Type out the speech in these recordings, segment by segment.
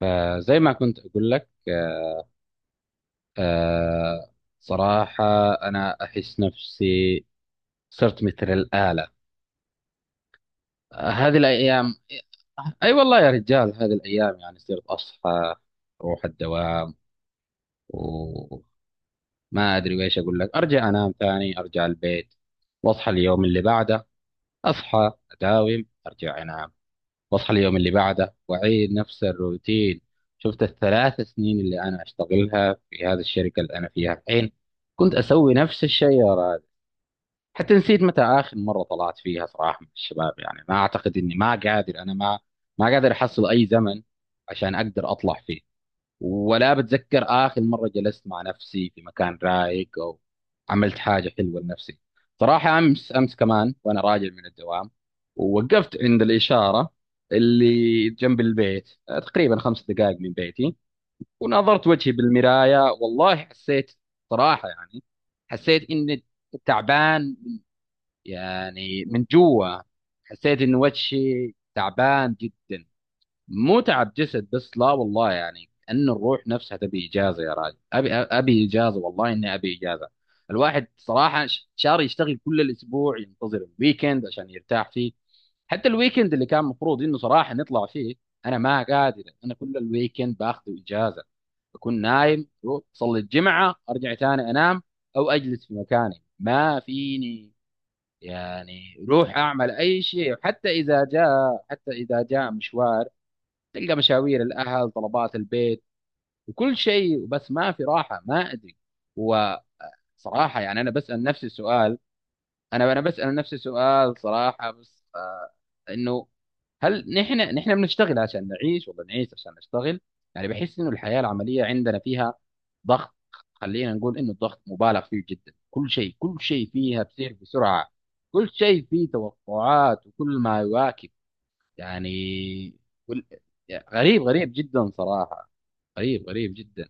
فزي ما كنت أقول لك آه آه، صراحة، أنا أحس نفسي صرت مثل الآلة. هذه الأيام، أي والله يا رجال، هذه الأيام يعني صرت أصحى أروح الدوام، وما أدري وإيش أقول لك، أرجع أنام ثاني، أرجع البيت وأصحى اليوم اللي بعده، أصحى أداوم أرجع أنام، واصحى اليوم اللي بعده واعيد نفس الروتين. شفت الثلاث سنين اللي انا اشتغلها في هذه الشركه اللي انا فيها الحين، كنت اسوي نفس الشيء يا راجل. حتى نسيت متى اخر مره طلعت فيها صراحه مع الشباب. يعني ما اعتقد اني ما قادر احصل اي زمن عشان اقدر اطلع فيه، ولا بتذكر آخر مرة جلست مع نفسي في مكان رايق أو عملت حاجة حلوة لنفسي. صراحة أمس كمان، وأنا راجع من الدوام، ووقفت عند الإشارة اللي جنب البيت، تقريبا خمس دقائق من بيتي، ونظرت وجهي بالمراية، والله حسيت، صراحة يعني حسيت إني تعبان، يعني من جوا، حسيت إن وجهي تعبان جدا. مو تعب جسد بس، لا والله، يعني ان الروح نفسها تبي اجازه. يا راجل، ابي اجازه، والله اني ابي اجازه. الواحد صراحه شاري يشتغل كل الاسبوع، ينتظر الويكند عشان يرتاح فيه. حتى الويكند اللي كان مفروض انه صراحه نطلع فيه، انا ما قادر، كل الويكند باخذ اجازه، بكون نايم، أروح اصلي الجمعه ارجع تاني انام، او اجلس في مكاني، ما فيني يعني روح اعمل اي شيء. حتى اذا جاء مشوار، تلقى مشاوير الاهل، طلبات البيت، وكل شيء، بس ما في راحه. ما ادري، وصراحه يعني انا بسال نفسي سؤال صراحه، بس انه: هل نحن بنشتغل عشان نعيش، ولا نعيش عشان نشتغل؟ يعني بحس انه الحياه العمليه عندنا فيها ضغط. خلينا نقول انه الضغط مبالغ فيه جدا. كل شيء فيها بيصير بسرعه، كل شيء فيه توقعات، وكل ما يواكب يعني وال- يعني غريب غريب جدا صراحة، قريب جدا.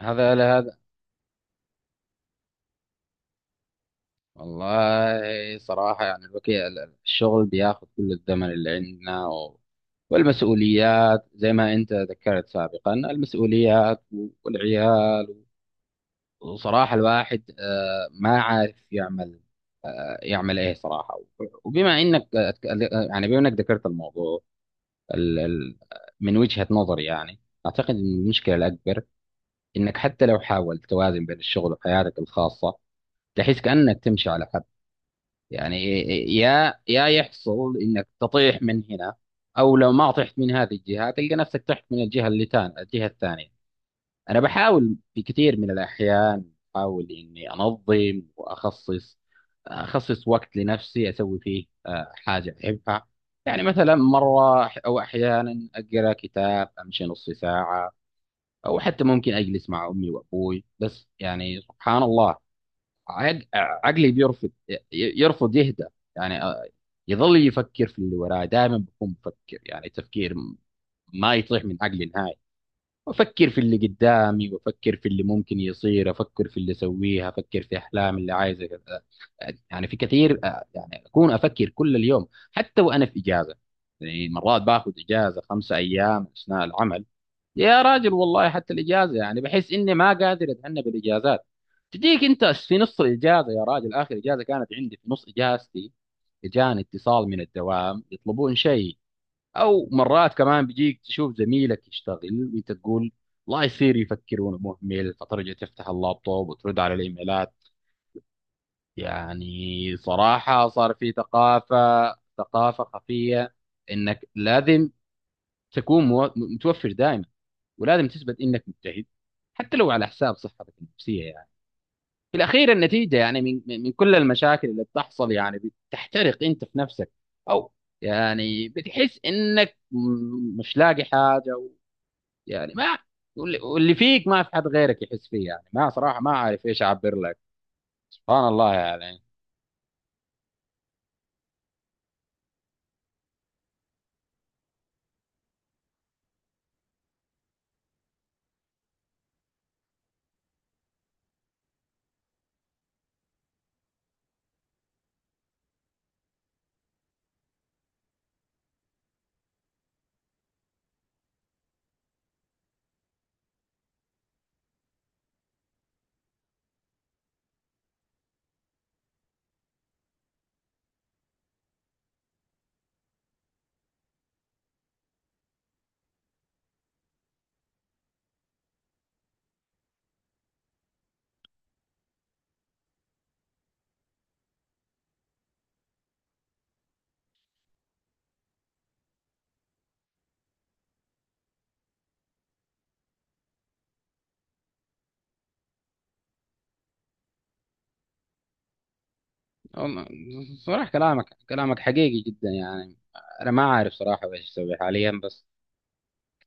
هذا لا، هذا والله صراحة. يعني الشغل بياخذ كل الزمن اللي عندنا و... والمسؤوليات، زي ما أنت ذكرت سابقا، المسؤوليات والعيال، وصراحة الواحد ما عارف يعمل، يعمل إيه صراحة. وبما يعني بما إنك ذكرت الموضوع، ال... ال- من وجهة نظري يعني أعتقد إن المشكلة الأكبر إنك حتى لو حاولت توازن بين الشغل وحياتك الخاصة، تحس كأنك تمشي على، يعني، يا يحصل انك تطيح من هنا، او لو ما طحت من هذه الجهه تلقى نفسك طحت من الجهه اللي تان الجهه الثانيه. انا بحاول في كثير من الاحيان، بحاول اني انظم واخصص وقت لنفسي، اسوي فيه حاجه احبها. يعني مثلا مره او احيانا اقرا كتاب، امشي نص ساعه، او حتى ممكن اجلس مع امي وابوي. بس يعني سبحان الله، عقلي بيرفض، يرفض يهدى، يعني يظل يفكر في اللي وراه، دائما بكون بفكر يعني تفكير، ما يطيح من عقلي نهائي، وافكر في اللي قدامي، وافكر في اللي ممكن يصير، افكر في اللي اسويها، افكر في احلام اللي عايزه كذا. يعني في كثير يعني اكون افكر كل اليوم، حتى وانا في اجازه. يعني مرات باخذ اجازه خمسة ايام اثناء العمل، يا راجل والله حتى الاجازه يعني بحس اني ما قادر اتعنى بالاجازات. تجيك انت في نص الاجازه، يا راجل، اخر اجازه كانت عندي في نص اجازتي اجاني اتصال من الدوام يطلبون شيء. او مرات كمان بيجيك تشوف زميلك يشتغل وانت تقول، الله يصير يفكر وانا مهمل، فترجع تفتح اللابتوب وترد على الايميلات. يعني صراحه صار في ثقافه، ثقافه خفيه، انك لازم تكون متوفر دائما، ولازم تثبت انك مجتهد، حتى لو على حساب صحتك النفسيه. يعني في الأخير النتيجة، يعني من كل المشاكل اللي بتحصل، يعني بتحترق أنت في نفسك، أو يعني بتحس إنك مش لاقي حاجة يعني ما، واللي فيك ما في حد غيرك يحس فيه، يعني ما، صراحة ما أعرف إيش أعبر لك. سبحان الله يعني والله- صراحة، كلامك حقيقي جدا. يعني أنا ما أعرف صراحة إيش أسوي حاليا، بس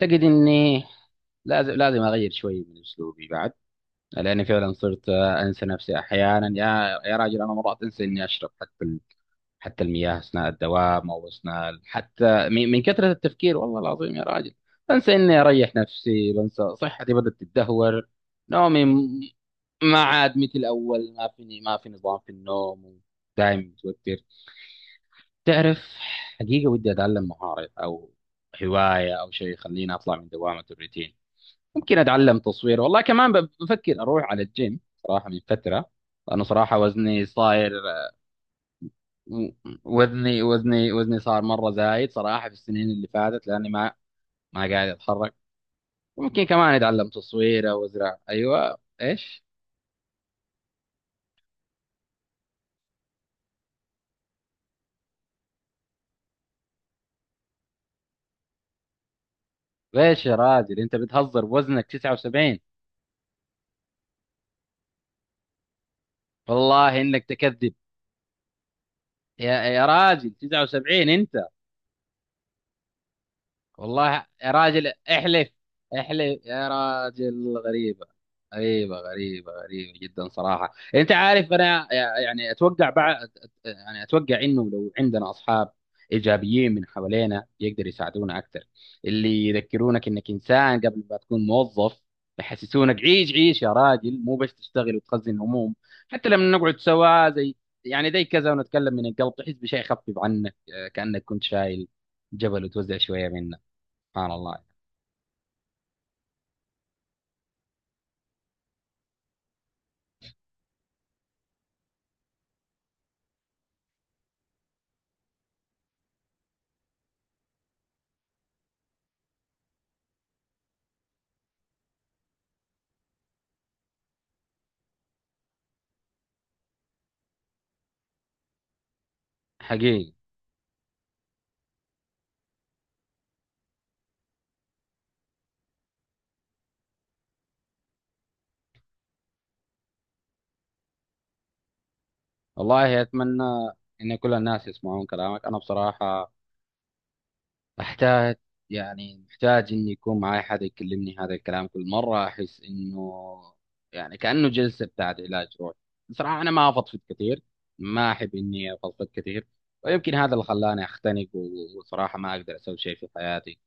أعتقد إني لازم أغير شوي من أسلوبي بعد. لاني فعلا صرت انسى نفسي احيانا. يا راجل، انا مرات انسى اني اشرب حتى حتى المياه اثناء الدوام، او اثناء حتى من كثره التفكير، والله العظيم يا راجل. بنسى اني اريح نفسي، بنسى صحتي بدات تتدهور، نومي ما عاد مثل الاول، ما فيني، ما في نظام في النوم، دائما متوتر. تعرف، حقيقه ودي اتعلم مهاره او هوايه او شيء يخليني اطلع من دوامه الروتين. ممكن اتعلم تصوير، والله كمان بفكر اروح على الجيم صراحه من فتره، لانه صراحه وزني صاير، وزني صار مره زايد صراحه في السنين اللي فاتت، لاني ما، ما قاعد اتحرك. ممكن كمان اتعلم تصوير او ازرع. ايوه ايش، ليش يا راجل، انت بتهزر بوزنك 79؟ والله انك تكذب. يا راجل، 79؟ والله يا راجل احلف، احلف يا راجل. غريبة، غريبة غريبة جدا صراحة. انت عارف، انا يعني اتوقع بعد، يعني اتوقع انه لو عندنا اصحاب ايجابيين من حوالينا يقدر يساعدونا اكثر، اللي يذكرونك انك انسان قبل ما تكون موظف، يحسسونك عيش، عيش يا راجل، مو بس تشتغل وتخزن هموم. حتى لما نقعد سوا زي، يعني زي كذا، ونتكلم من القلب، تحس بشيء خفيف عنك، كأنك كنت شايل جبل وتوزع شوية منه. سبحان الله. حقيقي، والله أتمنى إن كل الناس يسمعون كلامك. أنا بصراحة أحتاج، يعني محتاج إني يكون معي حد يكلمني هذا الكلام. كل مرة أحس إنه يعني كأنه جلسة بتاعت علاج روحي. بصراحة أنا ما أفضفض كثير، ما أحب إني أفضفض كثير، ويمكن هذا اللي خلاني أختنق، وصراحة ما أقدر أسوي شيء في حياتي.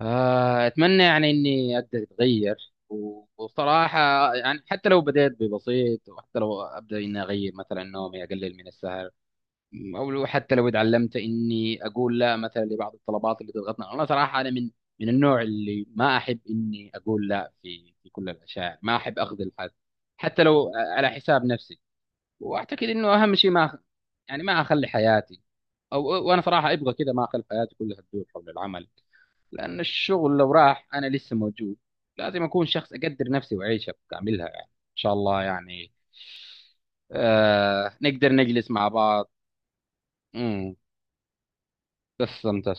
أتمنى يعني إني أقدر أتغير، وبصراحة يعني حتى لو بدأت ببسيط، وحتى لو أبدأ إني أغير مثلا نومي، أقلل من السهر، أو لو حتى لو اتعلمت إني أقول لا مثلا لبعض الطلبات اللي تضغطنا. أنا صراحة أنا من، من النوع اللي ما أحب إني أقول لا في كل الأشياء، ما أحب أخذل حد حتى لو على حساب نفسي. وأعتقد إنه أهم شيء ما يعني ما أخلي حياتي، أو، وأنا صراحة أبغى كذا، ما أخلي حياتي كلها تدور حول العمل. لأن الشغل لو راح أنا لسه موجود، لازم أكون شخص أقدر نفسي وأعيشها بكاملها. يعني إن شاء الله يعني آه نقدر نجلس مع بعض. امم، بس استمتعت.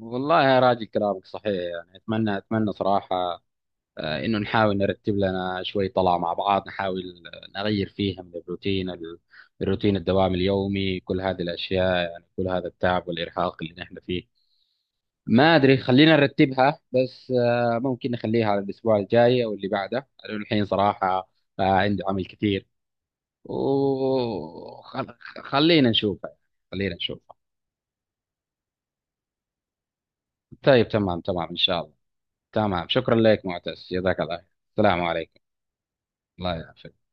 والله يا راجل كلامك صحيح. يعني أتمنى، صراحة آه إنه نحاول نرتب لنا شوي طلعة مع بعض، نحاول نغير فيها من الروتين، الروتين الدوام اليومي، كل هذه الأشياء، يعني كل هذا التعب والإرهاق اللي نحن فيه. ما ادري، خلينا نرتبها بس ممكن نخليها على الاسبوع الجاي او اللي بعده، لانه الحين صراحه عندي عمل كثير. وخلينا نشوفها، خلينا نشوفها. طيب، تمام، ان شاء الله. تمام، شكرا لك معتز، جزاك الله خير. السلام عليكم. الله يعافيك.